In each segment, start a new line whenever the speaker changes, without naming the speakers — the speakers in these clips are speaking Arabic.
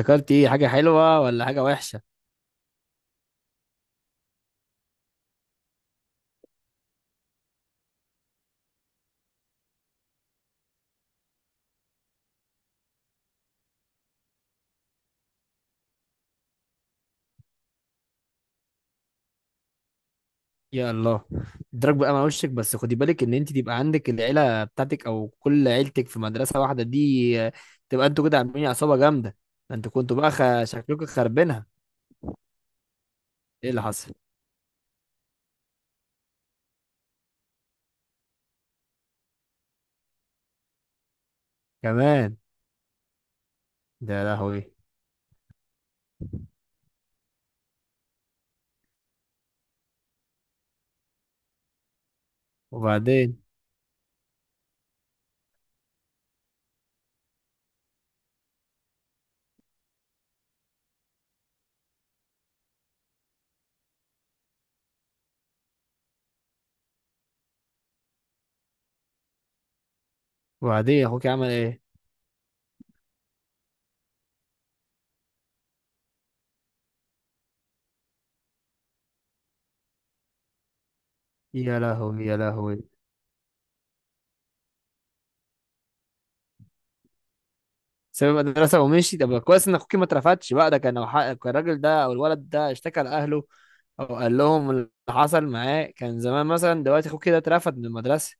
افتكرت ايه، حاجه حلوه ولا حاجه وحشه؟ يا الله. ادراك بقى مع وشك، بس خدي بالك ان انت تبقى عندك العيله بتاعتك او كل عيلتك في مدرسه واحده دي، تبقى انتوا كده عاملين عصابه جامده. ده انتوا كنتوا بقى شكلكم خربينها. ايه اللي حصل؟ كمان. ده يا لهوي. وبعدين وبعدين اخوك عمل ايه؟ يا لهوي، يا لهوي. ساب المدرسه ومشي؟ طب كويس ان اخوك ما اترفدش بقى. ده كان لو كان الراجل ده او الولد ده اشتكى لاهله او قال لهم اللي حصل معاه، كان زمان مثلا دلوقتي اخوك كده اترفد من المدرسه.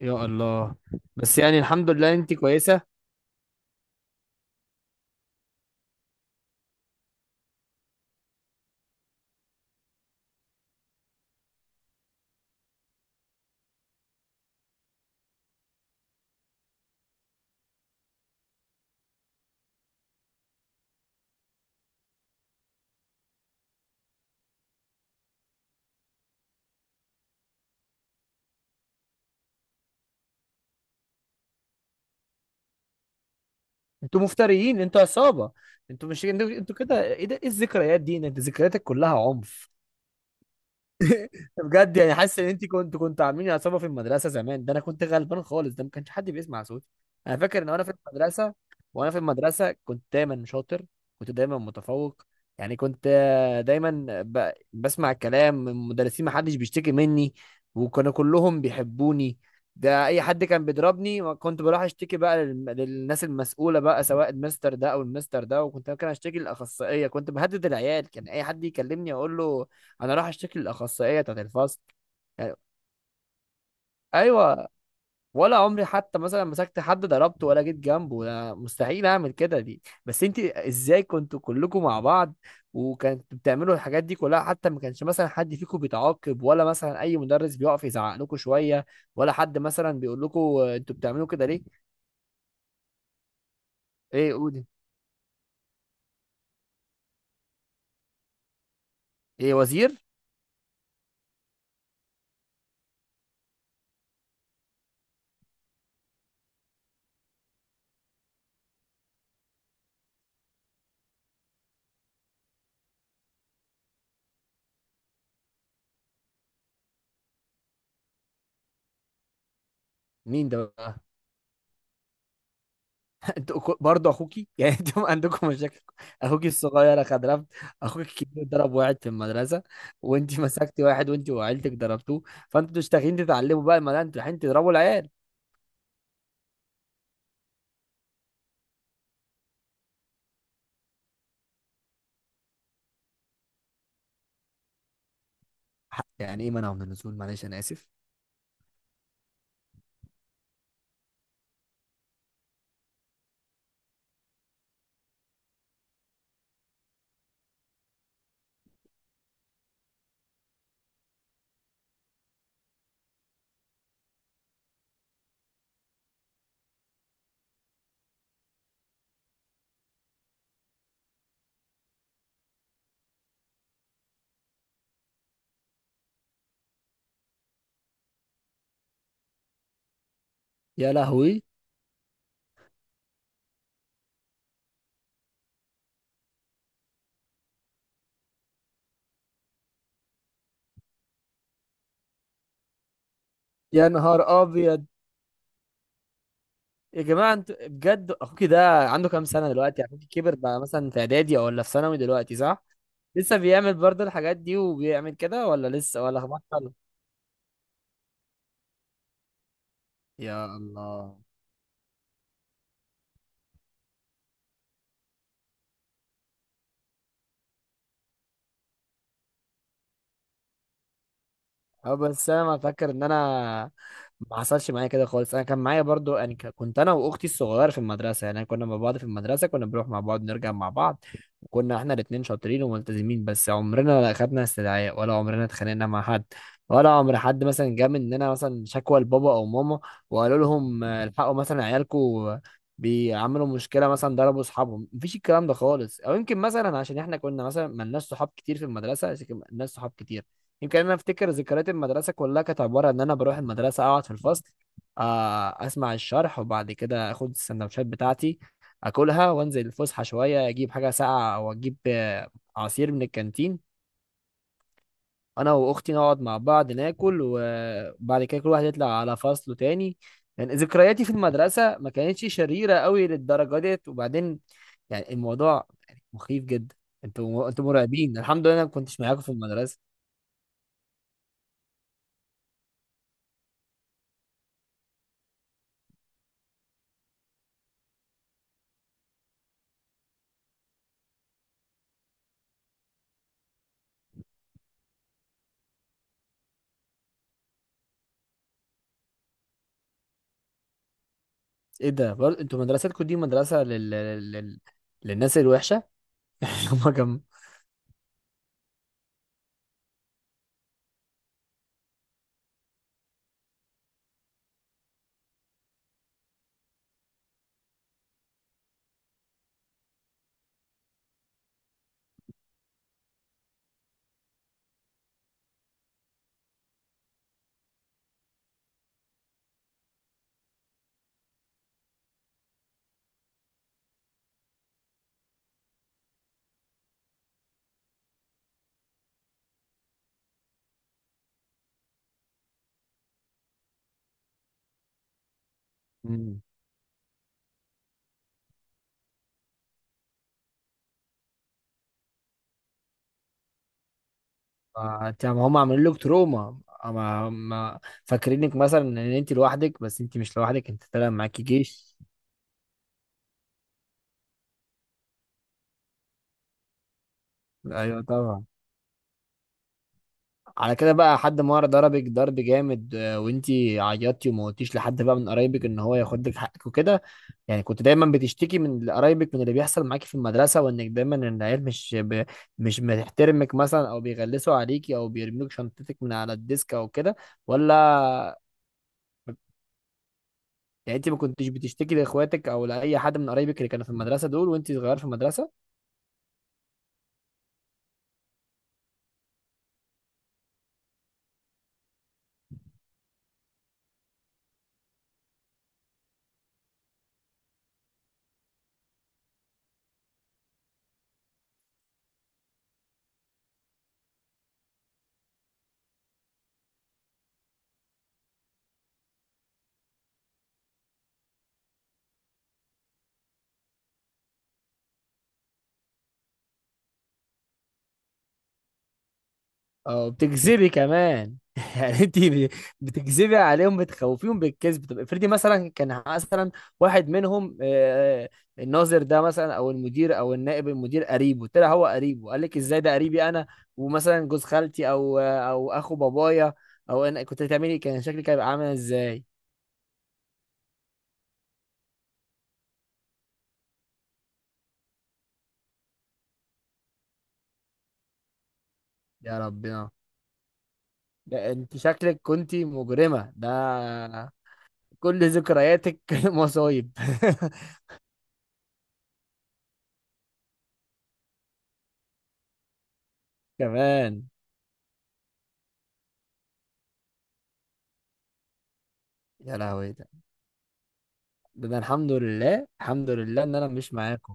يا الله. بس يعني الحمد لله انت كويسه. انتوا مفتريين، انتوا عصابه. انتوا مش، انتوا كده. ايه ده؟ ايه الذكريات دي؟ انت ذكرياتك كلها عنف. بجد، يعني حاسس ان انت كنت عاملين عصابه في المدرسه زمان. ده انا كنت غلبان خالص، ده ما كانش حد بيسمع صوتي. انا فاكر ان وانا في المدرسه كنت دايما شاطر، كنت دايما متفوق. يعني كنت دايما بسمع الكلام من المدرسين، ما حدش بيشتكي مني، وكانوا كلهم بيحبوني. ده اي حد كان بيضربني ما كنت بروح اشتكي بقى للناس المسؤوله بقى، سواء المستر ده او المستر ده، وكنت ممكن اشتكي للاخصائيه. كنت بهدد العيال، كان اي حد يكلمني اقول له انا راح اشتكي للاخصائيه بتاعت الفصل. يعني، ايوه. ولا عمري حتى مثلا مسكت حد ضربته، ولا جيت جنبه، ولا مستحيل اعمل كده دي. بس انت ازاي كنتوا كلكم مع بعض، وكنتوا بتعملوا الحاجات دي كلها؟ حتى ما كانش مثلا حد فيكم بيتعاقب، ولا مثلا اي مدرس بيقف يزعق لكم شويه، ولا حد مثلا بيقول لكم، انتوا بتعملوا كده ليه؟ ايه؟ قولي. ايه، وزير؟ مين ده بقى؟ انتوا برضه اخوكي يعني انتوا عندكم مشاكل. اخوكي الصغير اخد رفض، اخوك الكبير ضرب واحد في المدرسه، وانت مسكتي واحد وانت وعيلتك ضربتوه، فانتوا مش داخلين تتعلموا بقى، ما لا انتوا رايحين تضربوا العيال. يعني ايه منعوا من النزول؟ معلش انا اسف. يا لهوي. يا نهار ابيض. يا جماعه انتوا بجد، اخوكي ده عنده كام سنه دلوقتي؟ اخوكي كبر بقى مثلا، في اعدادي او ولا في ثانوي دلوقتي، صح؟ لسه بيعمل برضه الحاجات دي وبيعمل كده، ولا لسه ولا بطل؟ يا الله. اه، بس انا ما فاكر ان انا ما حصلش معايا كده خالص. انا كان معايا برضو، يعني كنت انا واختي الصغيره في المدرسه، يعني كنا مع بعض في المدرسه، كنا بنروح مع بعض، نرجع مع بعض. كنا احنا الاتنين شاطرين وملتزمين، بس عمرنا ما خدنا استدعاء، ولا عمرنا اتخانقنا مع حد، ولا عمر حد مثلا جه مننا مثلا شكوى لبابا او ماما، وقالوا لهم، الحقوا مثلا عيالكم بيعملوا مشكله، مثلا ضربوا اصحابهم. مفيش الكلام ده خالص، او يمكن مثلا عشان احنا كنا مثلا ملناش صحاب كتير في المدرسه، بس كان ملناش صحاب كتير. يمكن انا افتكر ذكريات المدرسه كلها كانت عباره ان انا بروح المدرسه، اقعد في الفصل، اسمع الشرح، وبعد كده اخد السندوتشات بتاعتي اكلها، وانزل الفسحه شويه اجيب حاجه ساقعه او اجيب عصير من الكانتين. انا واختي نقعد مع بعض ناكل، وبعد كده كل واحد يطلع على فصله تاني. يعني ذكرياتي في المدرسه ما كانتش شريره قوي للدرجه ديت. وبعدين يعني الموضوع يعني مخيف جدا. انتوا مرعبين. الحمد لله انا ما كنتش معاكم في المدرسه. ايه ده؟ برضه انتوا مدرستكم دي مدرسه للناس الوحشه. هم كم؟ ما هم عاملين لك تروما. ما فاكرينك مثلا ان انت لوحدك، بس انت مش لوحدك، انت طالع معاكي جيش. ايوه طبعا. على كده بقى، حد مره ضربك ضرب جامد، وانت عيطتي وما قلتيش لحد بقى من قرايبك ان هو ياخد لك حقك وكده؟ يعني كنت دايما بتشتكي من قرايبك من اللي بيحصل معاكي في المدرسه، وانك دايما إن العيال مش بتحترمك مثلا، او بيغلسوا عليكي، او بيرموك شنطتك من على الديسك او كده؟ ولا؟ يعني انت ما كنتش بتشتكي لاخواتك او لاي حد من قرايبك اللي كانوا في المدرسه دول وانت صغير في المدرسه؟ او بتكذبي كمان؟ يعني انت بتكذبي عليهم، بتخوفيهم بالكذب. طب افرضي مثلا كان مثلا واحد منهم، الناظر ده مثلا او المدير او النائب المدير قريبه، طلع هو قريبه، قال لك ازاي ده قريبي انا، ومثلا جوز خالتي او او اخو بابايا، او انا كنت هتعملي إيه؟ كان شكلك هيبقى عامل ازاي؟ يا ربنا. ده انت شكلك كنت مجرمه، ده كل ذكرياتك مصايب. كمان. يا لهوي. ده أنا الحمد لله، الحمد لله ان انا مش معاكم.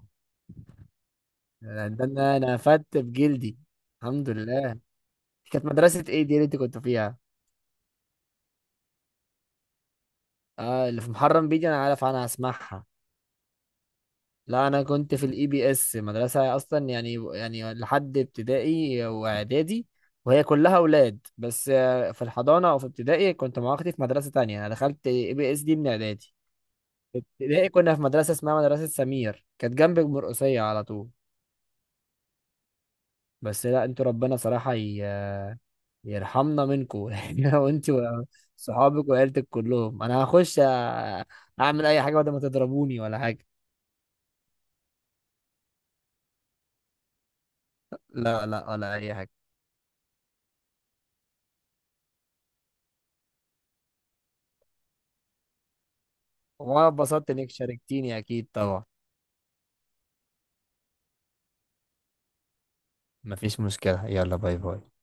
ده انا فدت بجلدي، الحمد لله. كانت مدرسة ايه دي اللي انت كنت فيها؟ اه، اللي في محرم بيجي، انا عارف، انا هسمعها. لا، انا كنت في الـIPS مدرسة اصلا، يعني لحد ابتدائي واعدادي. وهي كلها اولاد بس، في الحضانة او في ابتدائي كنت مع اختي في مدرسة تانية، انا دخلت IPS دي من اعدادي. ابتدائي كنا في مدرسة اسمها مدرسة سمير، كانت جنب المرقصية على طول. بس لا انتوا، ربنا صراحة يرحمنا منكم، يعني. وانتوا صحابك وعيلتك كلهم، انا هخش اعمل اي حاجة بدل ما تضربوني ولا حاجة. لا لا، ولا اي حاجة. وانا اتبسطت انك شاركتيني، اكيد طبعا. مفيش مشكلة، يلا، باي باي.